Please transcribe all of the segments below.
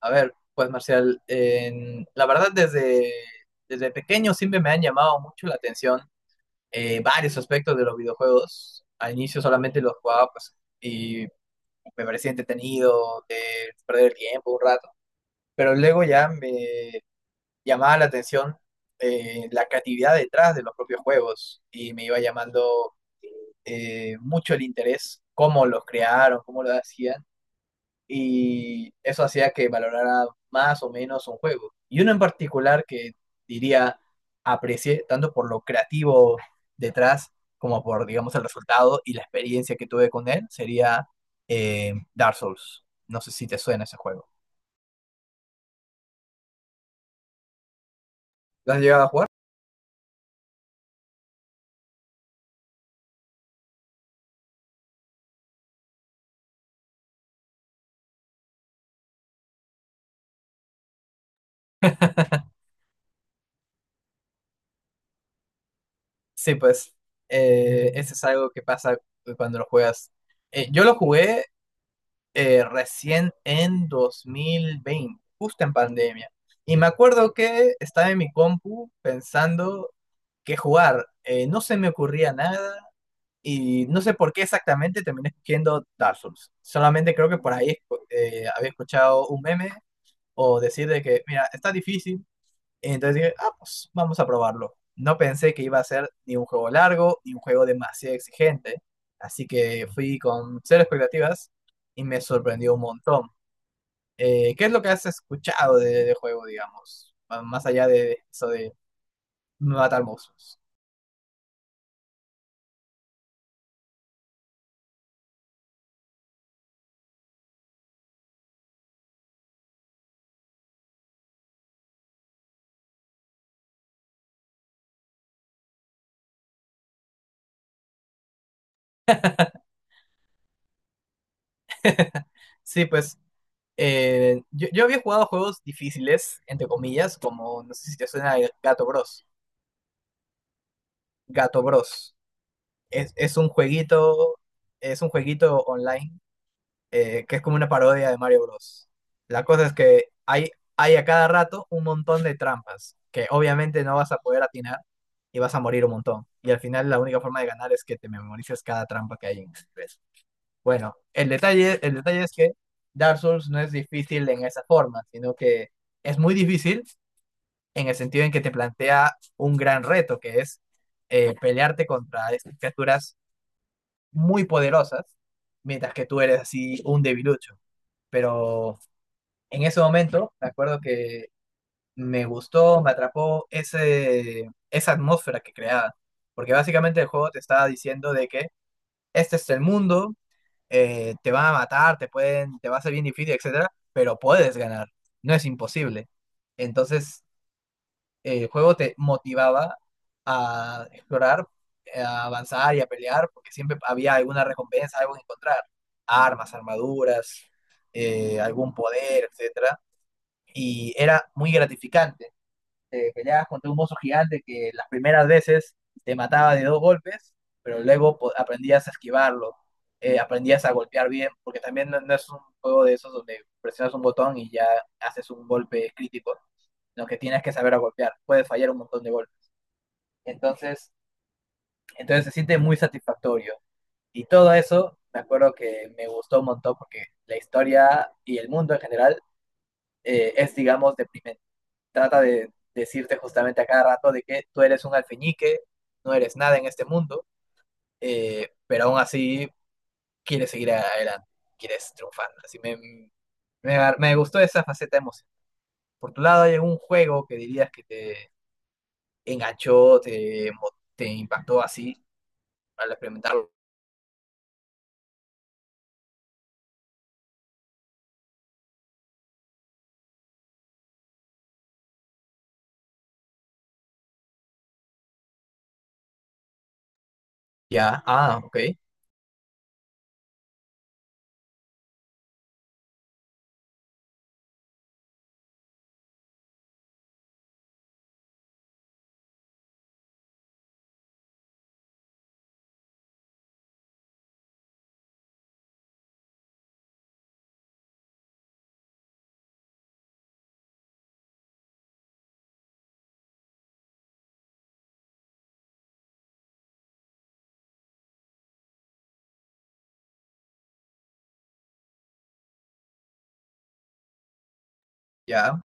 A ver, pues Marcial, la verdad desde pequeño siempre me han llamado mucho la atención varios aspectos de los videojuegos. Al inicio solamente los jugaba y me parecía entretenido, de perder el tiempo un rato, pero luego ya me llamaba la atención la creatividad detrás de los propios juegos y me iba llamando mucho el interés, cómo los crearon, cómo lo hacían y eso hacía que valorara más o menos un juego. Y uno en particular que diría aprecié tanto por lo creativo detrás como por, digamos, el resultado y la experiencia que tuve con él sería Dark Souls. No sé si te suena ese juego. ¿Lo has llegado a jugar? Sí, pues ese es algo que pasa cuando lo juegas. Yo lo jugué recién en 2020, justo en pandemia. Y me acuerdo que estaba en mi compu pensando que jugar, no se me ocurría nada y no sé por qué exactamente terminé escogiendo Dark Souls. Solamente creo que por ahí había escuchado un meme o decir de que, mira, está difícil, entonces dije, ah, pues vamos a probarlo. No pensé que iba a ser ni un juego largo, ni un juego demasiado exigente. Así que fui con cero expectativas y me sorprendió un montón. ¿Qué es lo que has escuchado de juego, digamos? Ah, más allá de eso de matar monstruos. Sí, pues yo había jugado juegos difíciles, entre comillas, como, no sé si te suena el Gato Bros. Gato Bros. Es, es un jueguito, es un jueguito online que es como una parodia de Mario Bros. La cosa es que hay a cada rato un montón de trampas que obviamente no vas a poder atinar y vas a morir un montón. Y al final la única forma de ganar es que te memorices cada trampa que hay en el nivel. Bueno, el detalle es que Dark Souls no es difícil en esa forma, sino que es muy difícil en el sentido en que te plantea un gran reto, que es pelearte contra estas criaturas muy poderosas, mientras que tú eres así un debilucho. Pero en ese momento, me acuerdo que me gustó, me atrapó esa atmósfera que creaba, porque básicamente el juego te estaba diciendo de que este es el mundo, te van a matar, te pueden, te va a ser bien difícil, etcétera, pero puedes ganar, no es imposible. Entonces, el juego te motivaba a explorar, a avanzar y a pelear, porque siempre había alguna recompensa, algo que encontrar, armas, armaduras, algún poder, etcétera, y era muy gratificante. Te peleabas contra un mozo gigante que las primeras veces te mataba de dos golpes, pero luego aprendías a esquivarlo, aprendías a golpear bien, porque también no es un juego de esos donde presionas un botón y ya haces un golpe crítico, sino que tienes que saber a golpear, puedes fallar un montón de golpes. Entonces, entonces, se siente muy satisfactorio. Y todo eso, me acuerdo que me gustó un montón porque la historia y el mundo en general es, digamos, deprimente. Trata de decirte justamente a cada rato de que tú eres un alfeñique, no eres nada en este mundo, pero aún así quieres seguir adelante, quieres triunfar. Así me gustó esa faceta de emoción. Por tu lado, ¿hay algún juego que dirías que te enganchó, te impactó así al experimentarlo? Ya, ah, ok, ya.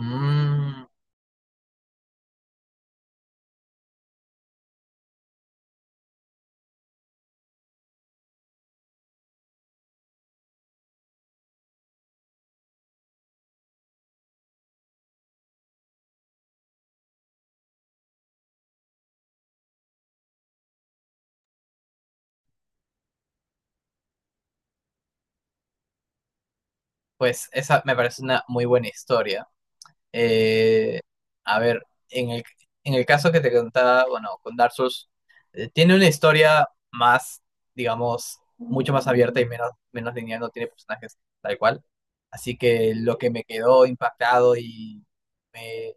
Mm, pues esa me parece una muy buena historia. Eh, a ver, en en el caso que te contaba, bueno, con Dark Souls, tiene una historia más, digamos, mucho más abierta y menos lineal, no tiene personajes tal cual. Así que lo que me quedó impactado y me,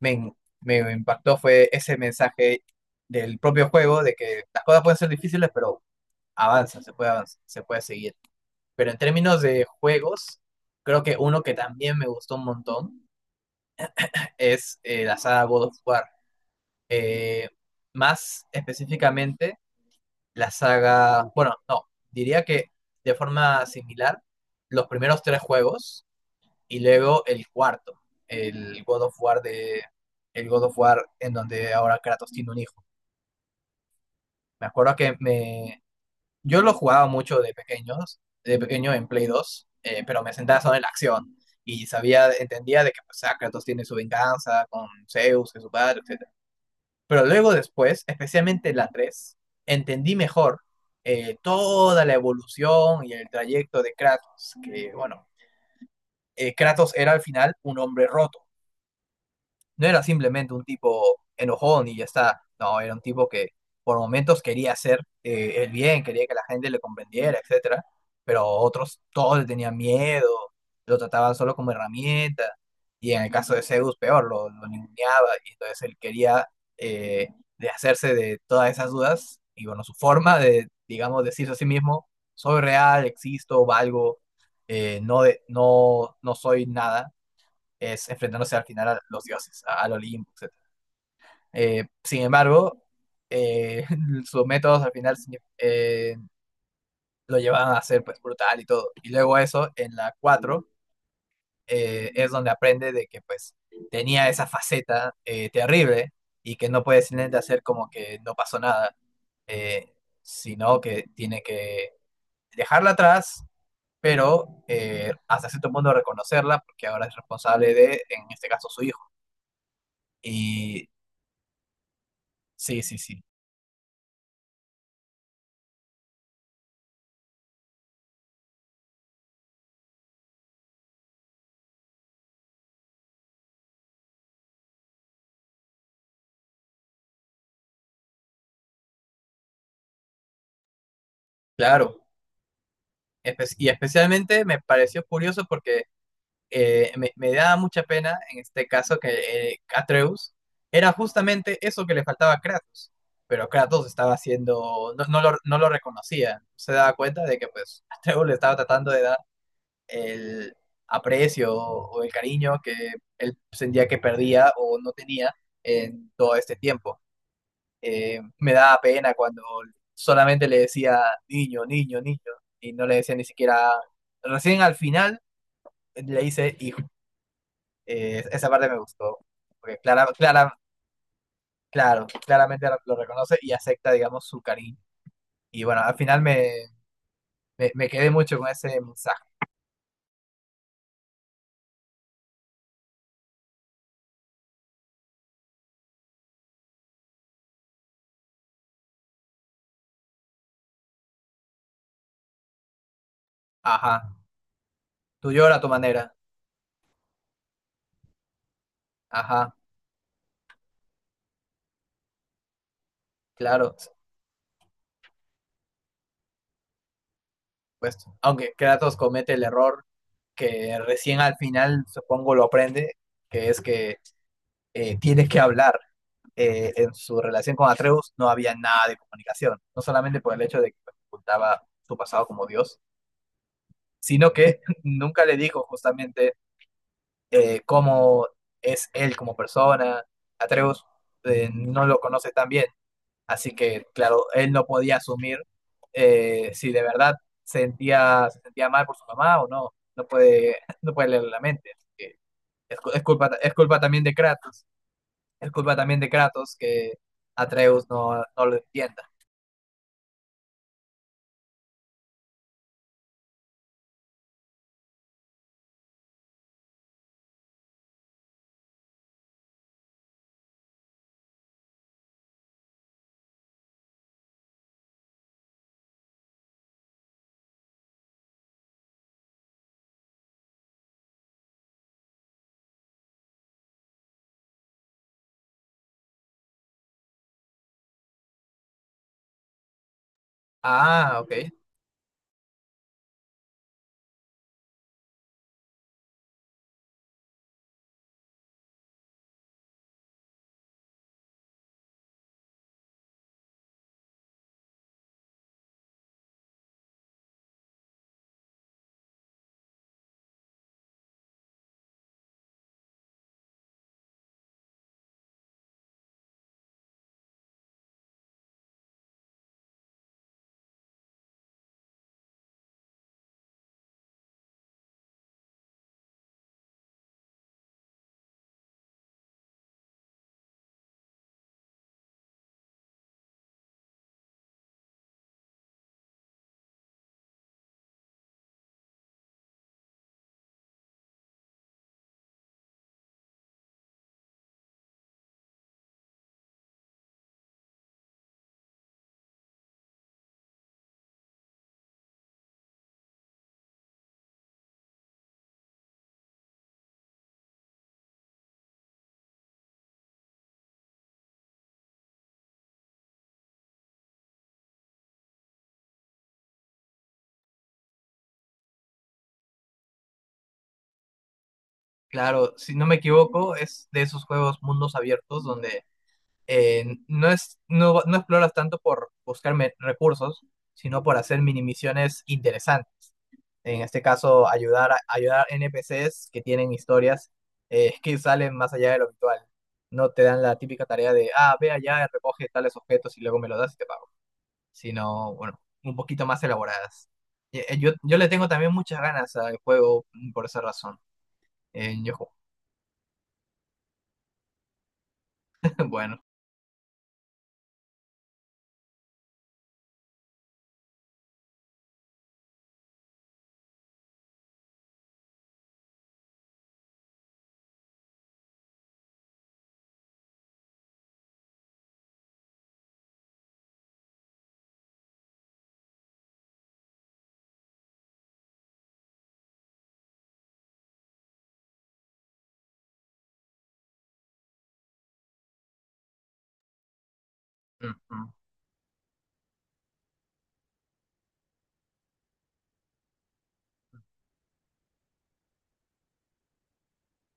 me, me impactó fue ese mensaje del propio juego de que las cosas pueden ser difíciles, pero avanza, se puede avanzar, se puede seguir. Pero en términos de juegos, creo que uno que también me gustó un montón es la saga God of War. Eh, más específicamente, la saga, bueno, no, diría que de forma similar, los primeros tres juegos y luego el cuarto, el God of War el God of War en donde ahora Kratos tiene un hijo. Me acuerdo que yo lo jugaba mucho de pequeños, de pequeño en Play 2, pero me sentaba solo en la acción y sabía, entendía de que pues, ah, Kratos tiene su venganza con Zeus, que es su padre, etc. Pero luego después, especialmente la 3 entendí mejor toda la evolución y el trayecto de Kratos, que bueno, Kratos era al final un hombre roto, no era simplemente un tipo enojón y ya está, no, era un tipo que por momentos quería hacer el bien, quería que la gente le comprendiera, etcétera, pero otros todos le tenían miedo, lo trataban solo como herramienta, y en el caso de Zeus, peor, lo ninguneaba, y entonces él quería eh, de hacerse de todas esas dudas, y bueno, su forma de, digamos, decirse a sí mismo, soy real, existo, valgo, no, de, no, no soy nada, es enfrentándose al final a los dioses, al Olimpo, etc. Sin embargo, eh, sus métodos al final lo llevaban a ser pues, brutal y todo. Y luego eso, en la 4 es donde aprende de que pues tenía esa faceta terrible y que no puede simplemente hacer como que no pasó nada, eh, sino que tiene que dejarla atrás, pero hasta cierto punto reconocerla porque ahora es responsable de, en este caso, su hijo. Y sí, sí, sí, claro. Y especialmente me pareció curioso porque me daba mucha pena en este caso que Atreus era justamente eso que le faltaba a Kratos, pero Kratos estaba haciendo, no lo reconocía, se daba cuenta de que pues Atreus le estaba tratando de dar el aprecio o el cariño que él sentía que perdía o no tenía en todo este tiempo. Me daba pena cuando solamente le decía niño, niño, niño, y no le decía ni siquiera. Recién al final le hice hijo. Esa parte me gustó, porque claramente lo reconoce y acepta, digamos, su cariño. Y bueno, al final me quedé mucho con ese mensaje. Ajá, tú llora a tu manera. Ajá, claro, por supuesto. Aunque Kratos comete el error que recién al final, supongo, lo aprende, que es que tienes que hablar. En su relación con Atreus no había nada de comunicación, no solamente por el hecho de que ocultaba su pasado como Dios, sino que nunca le dijo justamente cómo es él como persona. Atreus no lo conoce tan bien, así que claro, él no podía asumir si de verdad se sentía mal por su mamá o no, no puede, no puede leer la mente. Así que es culpa también de Kratos. Es culpa también de Kratos que Atreus no lo entienda. Ah, ok. Claro, si no me equivoco, es de esos juegos mundos abiertos donde no es, no, no exploras tanto por recursos, sino por hacer mini misiones interesantes. En este caso, ayudar NPCs que tienen historias que salen más allá de lo habitual. No te dan la típica tarea de, ah, ve allá, recoge tales objetos y luego me los das y te pago. Sino, bueno, un poquito más elaboradas. Yo le tengo también muchas ganas al juego mm, por esa razón. Eh, yo, ju- bueno, mm, mm.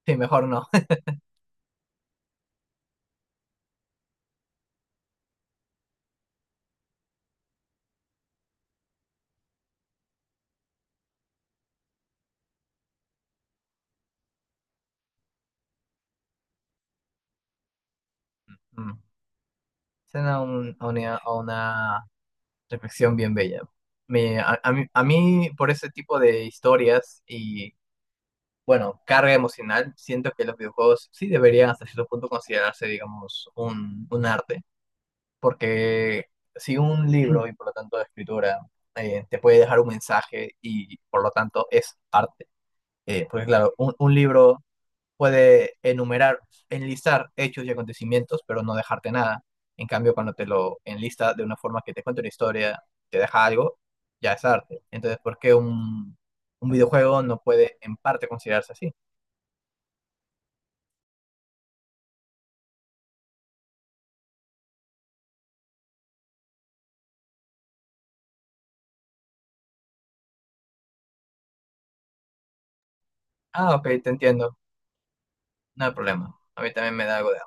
Sí, mejor no. Mm. Suena un- a una reflexión bien bella. Me, a mí, por ese tipo de historias y, bueno, carga emocional, siento que los videojuegos sí deberían hasta cierto punto considerarse, digamos, un arte. Porque si un libro y por lo tanto escritura te puede dejar un mensaje y por lo tanto es arte, porque claro, un libro puede enumerar, enlistar hechos y acontecimientos, pero no dejarte nada. En cambio, cuando te lo enlista de una forma que te cuenta una historia, te deja algo, ya es arte. Entonces, ¿por qué un videojuego no puede en parte considerarse así? Ah, ok, te entiendo, no hay problema. A mí también me da algo de